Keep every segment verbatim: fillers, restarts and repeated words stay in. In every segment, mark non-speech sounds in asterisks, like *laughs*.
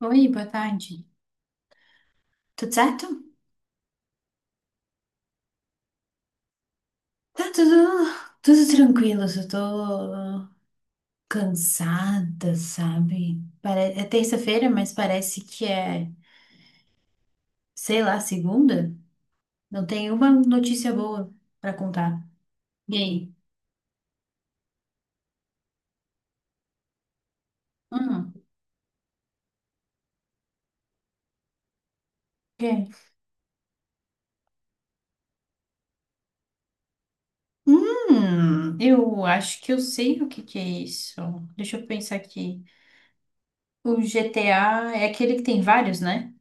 Oi, boa tarde. Tudo certo? Tá tudo, tudo tranquilo, só tô cansada, sabe? Pare- É terça-feira, mas parece que é, sei lá, segunda. Não tem uma notícia boa pra contar. E aí? Hum, quê? Hum, eu acho que eu sei o que que é isso. Deixa eu pensar aqui. O G T A é aquele que tem vários, né?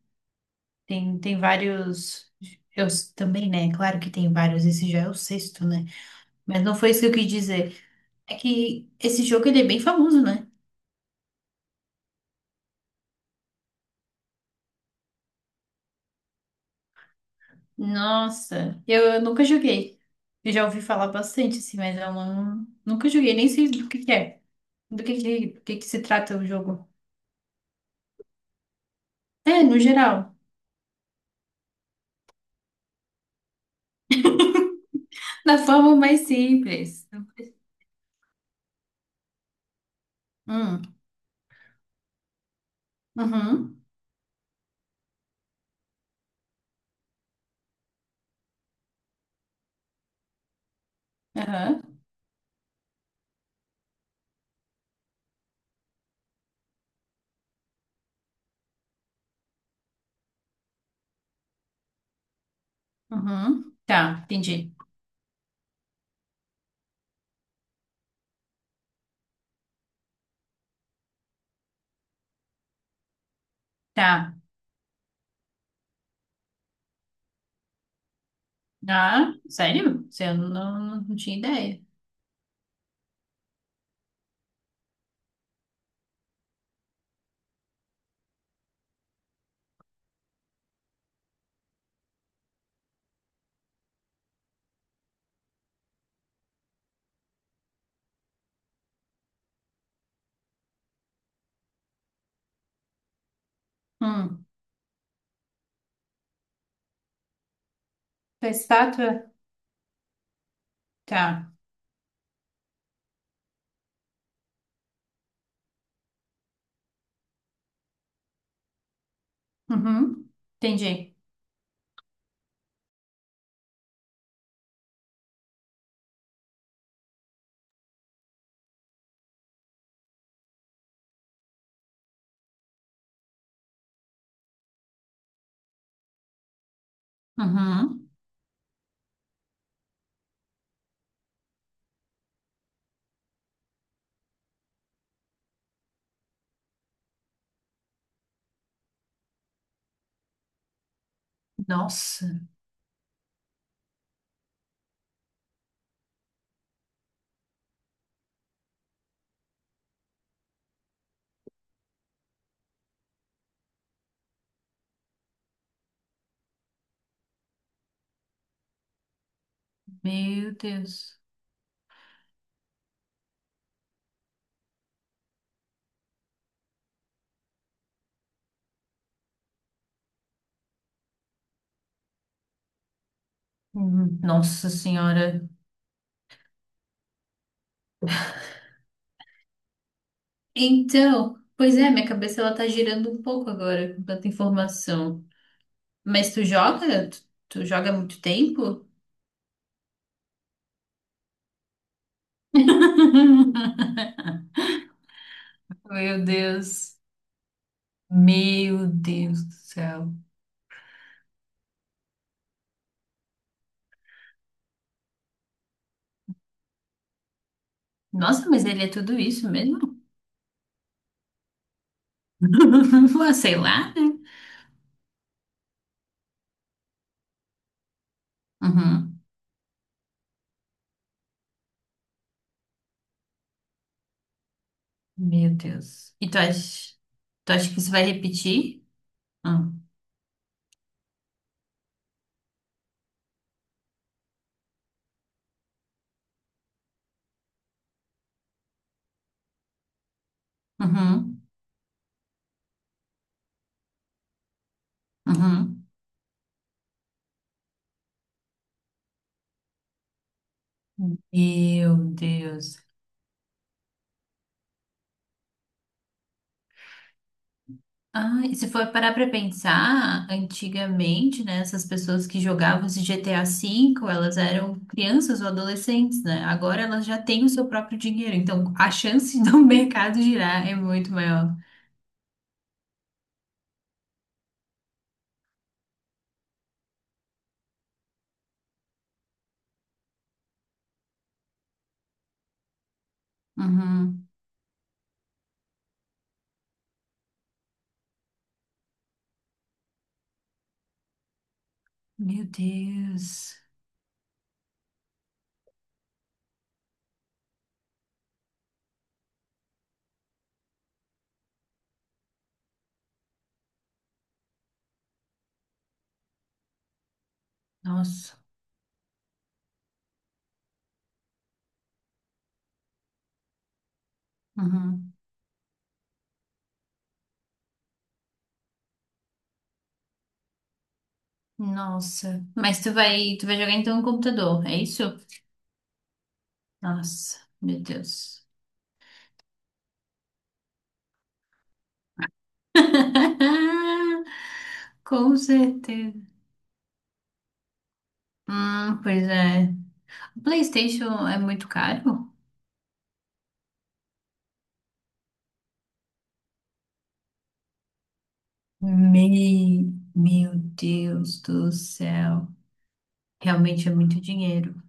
Tem, tem vários. Eu s- também, né? Claro que tem vários. Esse já é o sexto, né? Mas não foi isso que eu quis dizer. É que esse jogo ele é bem famoso, né? Nossa, eu, eu nunca joguei. Eu já ouvi falar bastante, assim, mas eu não, nunca joguei, nem sei do que que é. Do que que, do que que se trata o jogo. É, no geral. Da forma mais simples. Hum, uhum, aham, uhum. Tá, entendi. Tá. Ah, sério? Você não, não, não tinha ideia. Hum, da estátua? Tá. Uhum, entendi. Uhum. Nossa. Meu Deus. Hum, Nossa Senhora. Então, pois é, minha cabeça ela tá girando um pouco agora com tanta informação. Mas tu joga? Tu, tu joga há muito tempo? *laughs* Meu Deus. Meu Deus do céu. Nossa, mas ele é tudo isso mesmo? *laughs* Ah, sei lá, né? Uhum. Meu Deus. E tu acha, tu acha que isso vai repetir? Ah. Uhum. Uhum. Meu Deus. Ah, e se for parar pra pensar, antigamente, né, essas pessoas que jogavam esse G T A V, elas eram crianças ou adolescentes, né? Agora elas já têm o seu próprio dinheiro, então a chance do *laughs* mercado girar é muito maior. Uhum. Meu Deus. Nossa. Uhum. Nossa. Mas tu vai, tu vai jogar então no computador, é isso? Nossa, meu Deus. *laughs* Com certeza. Hum, pois é. PlayStation é muito caro? Me... Meu Deus do céu. Realmente é muito dinheiro.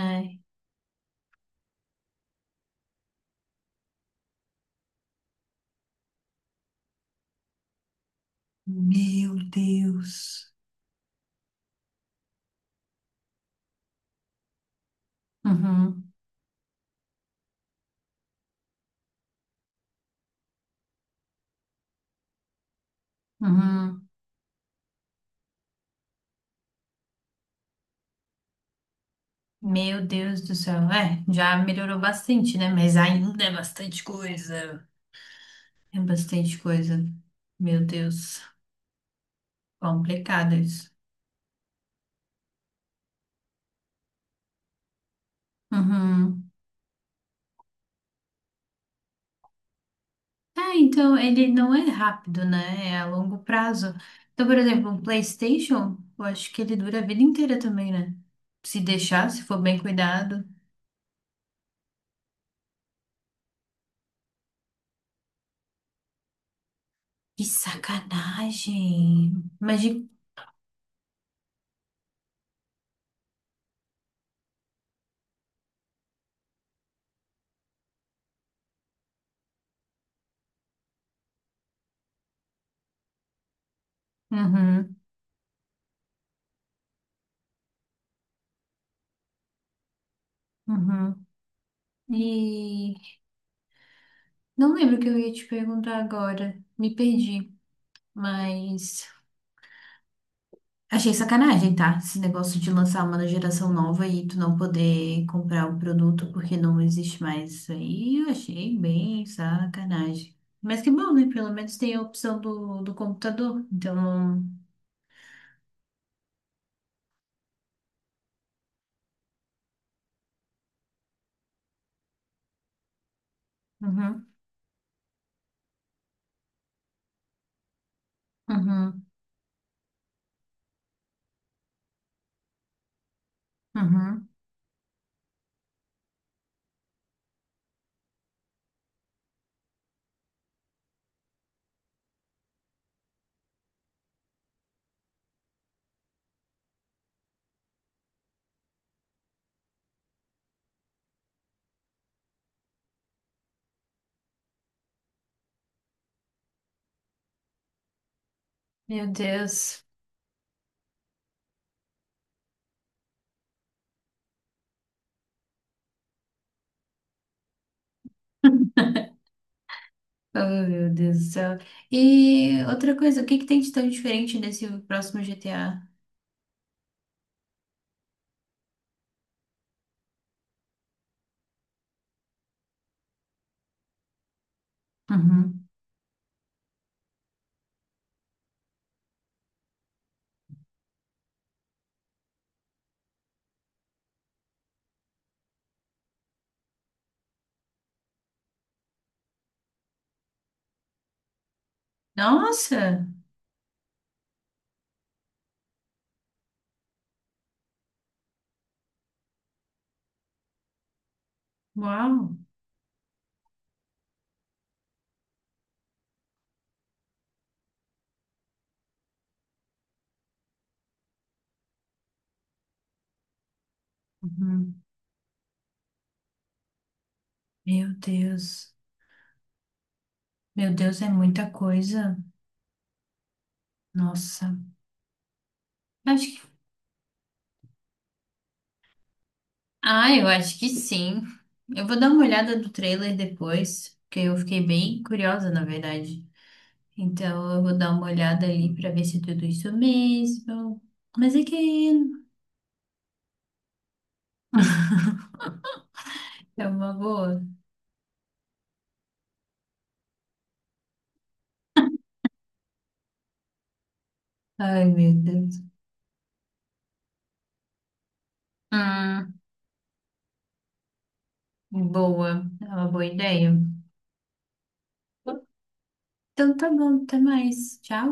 Ai, meu Deus. Uhum, uhum. Meu Deus do céu. É, já melhorou bastante, né? Mas ainda é bastante coisa. É bastante coisa. Meu Deus. Complicado isso. Uhum. Ah, então ele não é rápido, né? É a longo prazo. Então, por exemplo, um PlayStation, eu acho que ele dura a vida inteira também, né? Se deixar, se for bem cuidado. Que sacanagem! Imagina. Uhum, uhum. E não lembro o que eu ia te perguntar agora. Me perdi. Mas. Achei sacanagem, tá? Esse negócio de lançar uma geração nova e tu não poder comprar o produto porque não existe mais. Isso aí eu achei bem sacanagem. Mas que bom, né? Pelo menos tem a opção do, do computador. Então. Uhum, uhum, uhum. Meu Deus. *laughs* Oh, meu Deus do céu. E outra coisa, o que que tem de tão diferente nesse próximo G T A? Uhum. Nossa! Uau! Uhum. Meu Deus. Meu Deus, é muita coisa. Nossa. Acho que... Ah, eu acho que sim. Eu vou dar uma olhada do trailer depois, porque eu fiquei bem curiosa, na verdade. Então eu vou dar uma olhada ali pra ver se é tudo isso mesmo. Mas é que é um, é uma boa. Ai, meu Deus. Hum, boa. É uma boa ideia. Então tá bom, até mais. Tchau.